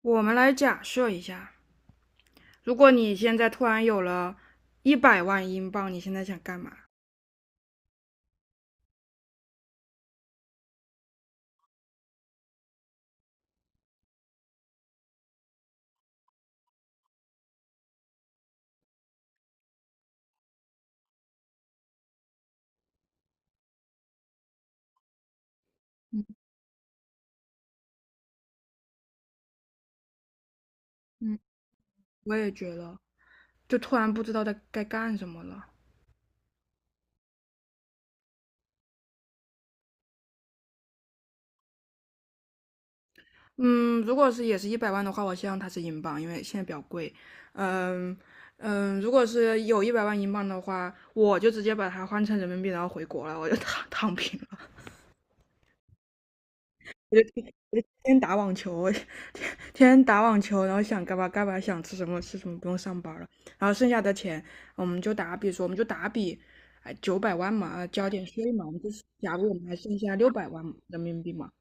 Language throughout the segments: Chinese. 我们来假设一下，如果你现在突然有了一百万英镑，你现在想干嘛？嗯，我也觉得，就突然不知道该干什么了。嗯，如果是也是一百万的话，我希望它是英镑，因为现在比较贵。嗯嗯，如果是有一百万英镑的话，我就直接把它换成人民币，然后回国了，我就躺平了。我就天天打网球，我天天打网球，然后想干嘛干嘛，想吃什么吃什么，不用上班了。然后剩下的钱，我们就打比，哎，900万嘛，交点税嘛，我们就是假如我们还剩下600万人民币嘛，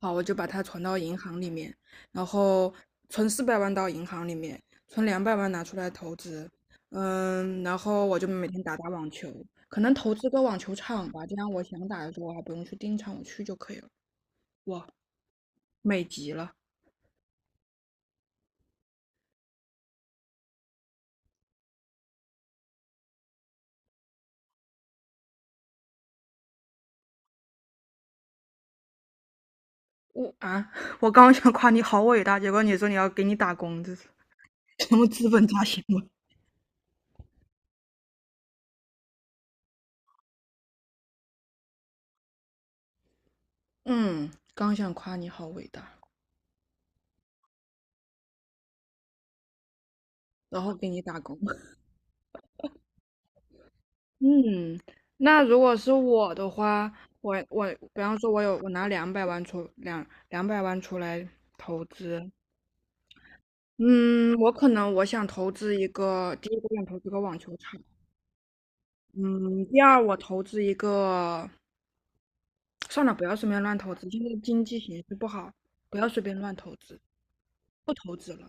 好，我就把它存到银行里面，然后存400万到银行里面，存两百万拿出来投资。嗯，然后我就每天打打网球，可能投资个网球场吧，这样我想打的时候我还不用去订场，我去就可以了。哇，美极了！我啊，我刚刚想夸你好伟大，结果你说你要给你打工，这是什么资本家行为？嗯，刚想夸你好伟大，然后给你打工。嗯，那如果是我的话，我比方说，我拿两百万出来投资。嗯，我可能我想投资一个，第一个想投资个网球场。嗯，第二我投资一个，算了，不要随便乱投资，现在经济形势不好，不要随便乱投资。不投资了。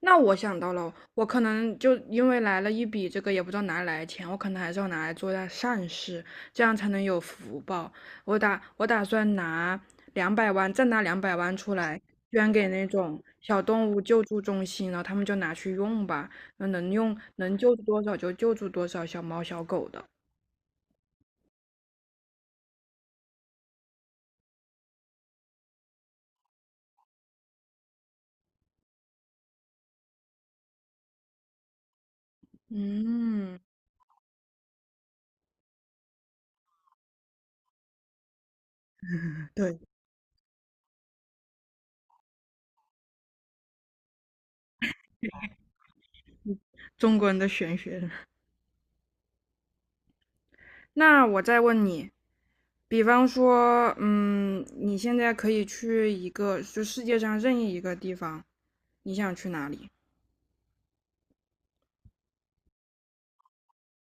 那我想到了，我可能就因为来了一笔这个也不知道哪里来的钱，我可能还是要拿来做点善事，这样才能有福报。我打算拿两百万，再拿两百万出来捐给那种小动物救助中心，然后他们就拿去用吧，那能用能救助多少就救助多少小猫小狗的。嗯，对，中国人的玄学。那我再问你，比方说，嗯，你现在可以去一个，就世界上任意一个地方，你想去哪里？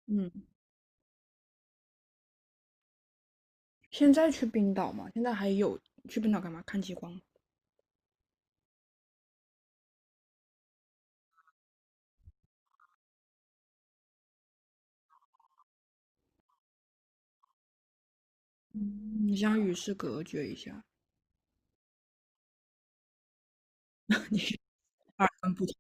嗯，现在去冰岛吗？现在还有去冰岛干嘛？看极光吗？你想与世隔绝一下。二分不同。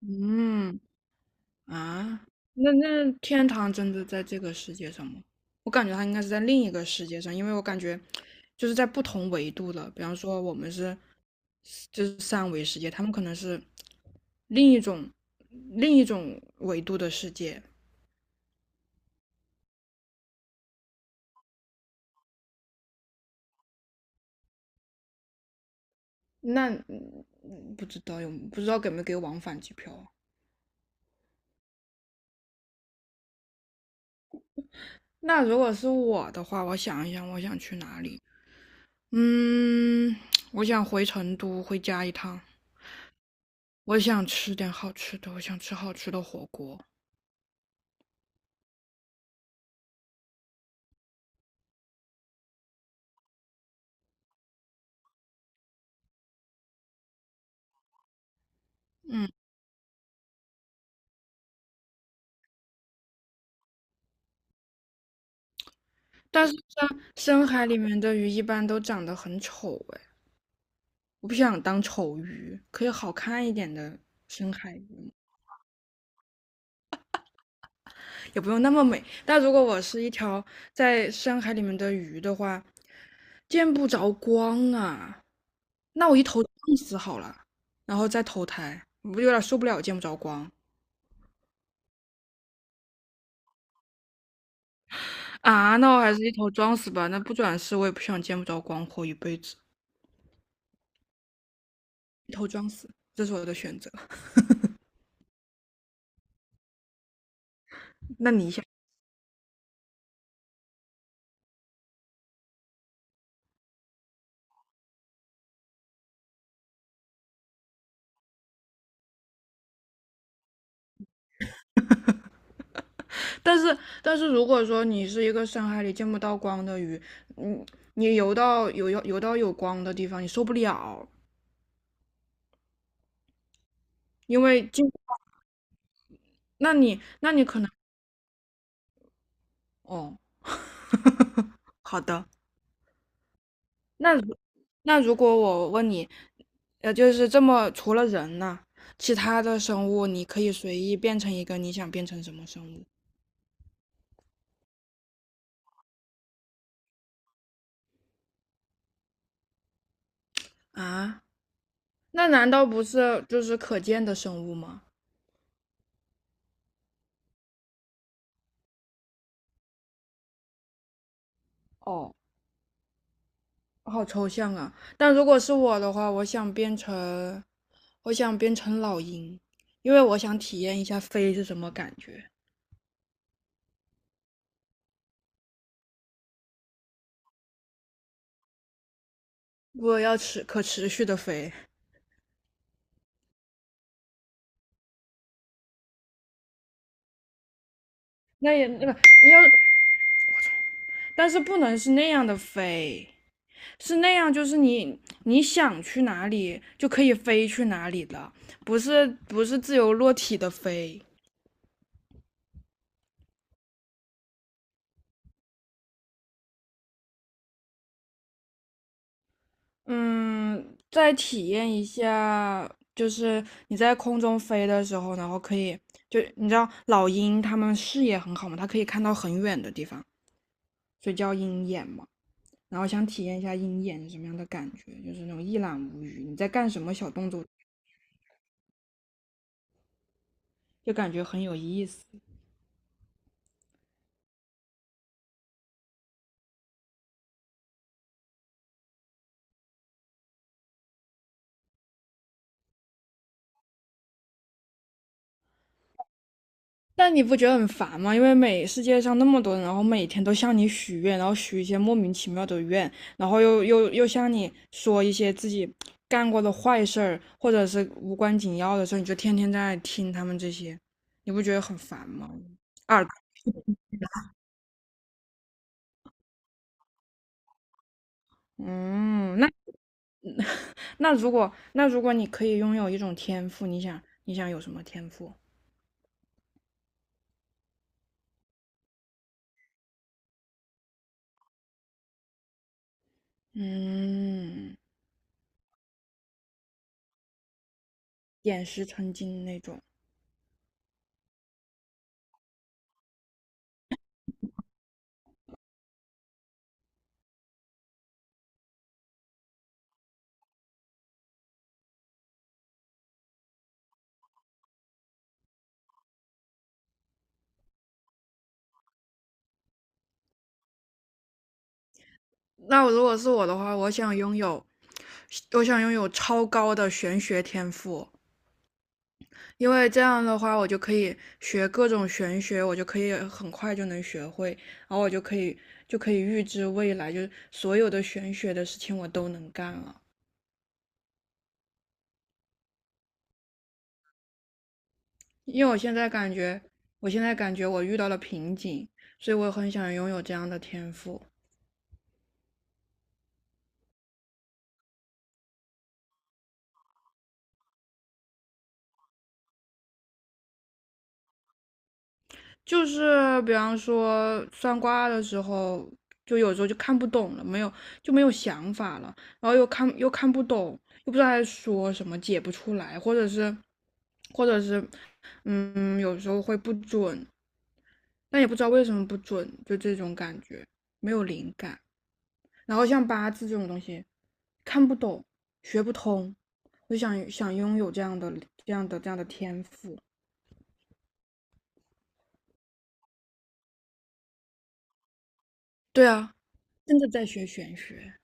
嗯。啊，那天堂真的在这个世界上吗？我感觉它应该是在另一个世界上，因为我感觉就是在不同维度的。比方说我们就是三维世界，他们可能是另一种另一种维度的世界。那嗯不知道给没给往返机票啊？那如果是我的话，我想一想，我想去哪里？嗯，我想回成都，回家一趟。我想吃点好吃的，我想吃好吃的火锅。但是像深海里面的鱼一般都长得很丑哎，我不想当丑鱼，可以好看一点的深海鱼吗？也不用那么美。但如果我是一条在深海里面的鱼的话，见不着光啊，那我一头撞死好了，然后再投胎，我不有点受不了见不着光。啊？那我还是一头撞死吧，那不转世我也不想见不着光活一辈子，一头撞死，这是我的选择。那你想，但是但是如果说你是一个深海里见不到光的鱼，嗯，你游到游游游到有光的地方，你受不了，因为进，那你可能。哦，好的。那如那如果我问你，就是这么除了人呢，其他的生物你可以随意变成一个，你想变成什么生物？啊？那难道不是就是可见的生物吗？哦。好抽象啊！但如果是我的话，我想变成，我想变成老鹰，因为我想体验一下飞是什么感觉。我要可持续的飞，那也那个要，但是不能是那样的飞，是那样就是你想去哪里就可以飞去哪里了，不是自由落体的飞。嗯，再体验一下，就是你在空中飞的时候，然后可以，就你知道老鹰它们视野很好嘛，它可以看到很远的地方，所以叫鹰眼嘛。然后想体验一下鹰眼是什么样的感觉，就是那种一览无余，你在干什么小动作，就感觉很有意思。但你不觉得很烦吗？因为世界上那么多人，然后每天都向你许愿，然后许一些莫名其妙的愿，然后又向你说一些自己干过的坏事儿，或者是无关紧要的事你就天天在听他们这些，你不觉得很烦吗？二，嗯，那如果你可以拥有一种天赋，你想有什么天赋？嗯，点石成金那种。那我如果是我的话，我想拥有超高的玄学天赋，因为这样的话，我就可以学各种玄学，我就可以很快就能学会，然后我就可以预知未来，就是所有的玄学的事情我都能干了。因为我现在感觉我遇到了瓶颈，所以我很想拥有这样的天赋。就是比方说算卦的时候，就有时候就看不懂了，没有就没有想法了，然后又看不懂，又不知道在说什么，解不出来，或者是，嗯，有时候会不准，但也不知道为什么不准，就这种感觉，没有灵感。然后像八字这种东西，看不懂，学不通，我就想拥有这样的天赋。对啊，真的在学玄学。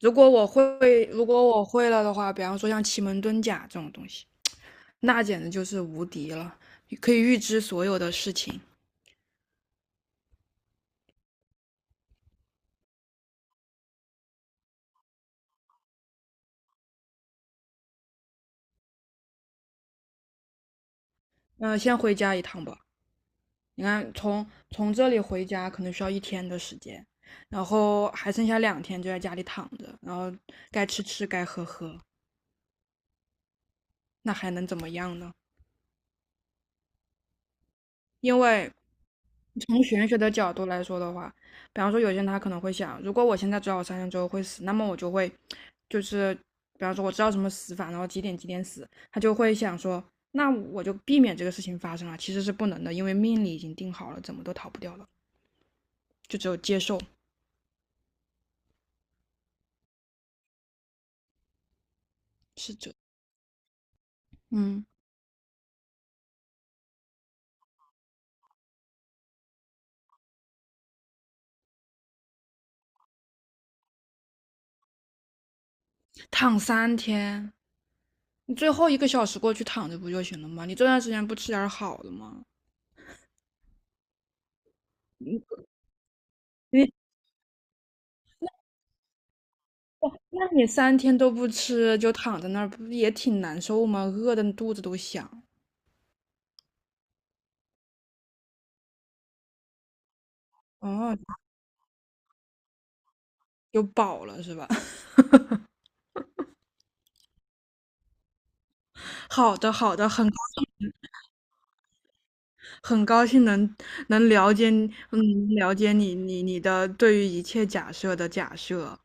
如果我会，如果我会了的话，比方说像奇门遁甲这种东西，那简直就是无敌了，可以预知所有的事情。那、先回家一趟吧，你看从这里回家可能需要1天的时间，然后还剩下2天就在家里躺着，然后该吃吃该喝喝，那还能怎么样呢？因为从玄学的角度来说的话，比方说有些人他可能会想，如果我现在知道我三天之后会死，那么我就会，就是比方说我知道什么死法，然后几点几点死，他就会想说，那我就避免这个事情发生了。其实是不能的，因为命里已经定好了，怎么都逃不掉了，就只有接受是这。嗯，躺三天，你最后1个小时过去躺着不就行了吗？你这段时间不吃点好的吗？你那你三天都不吃，就躺在那儿，不也挺难受吗？饿的肚子都响。哦，有饱了是吧？好的，好的，很高兴能了解你，嗯，了解你，你的对于一切假设的假设。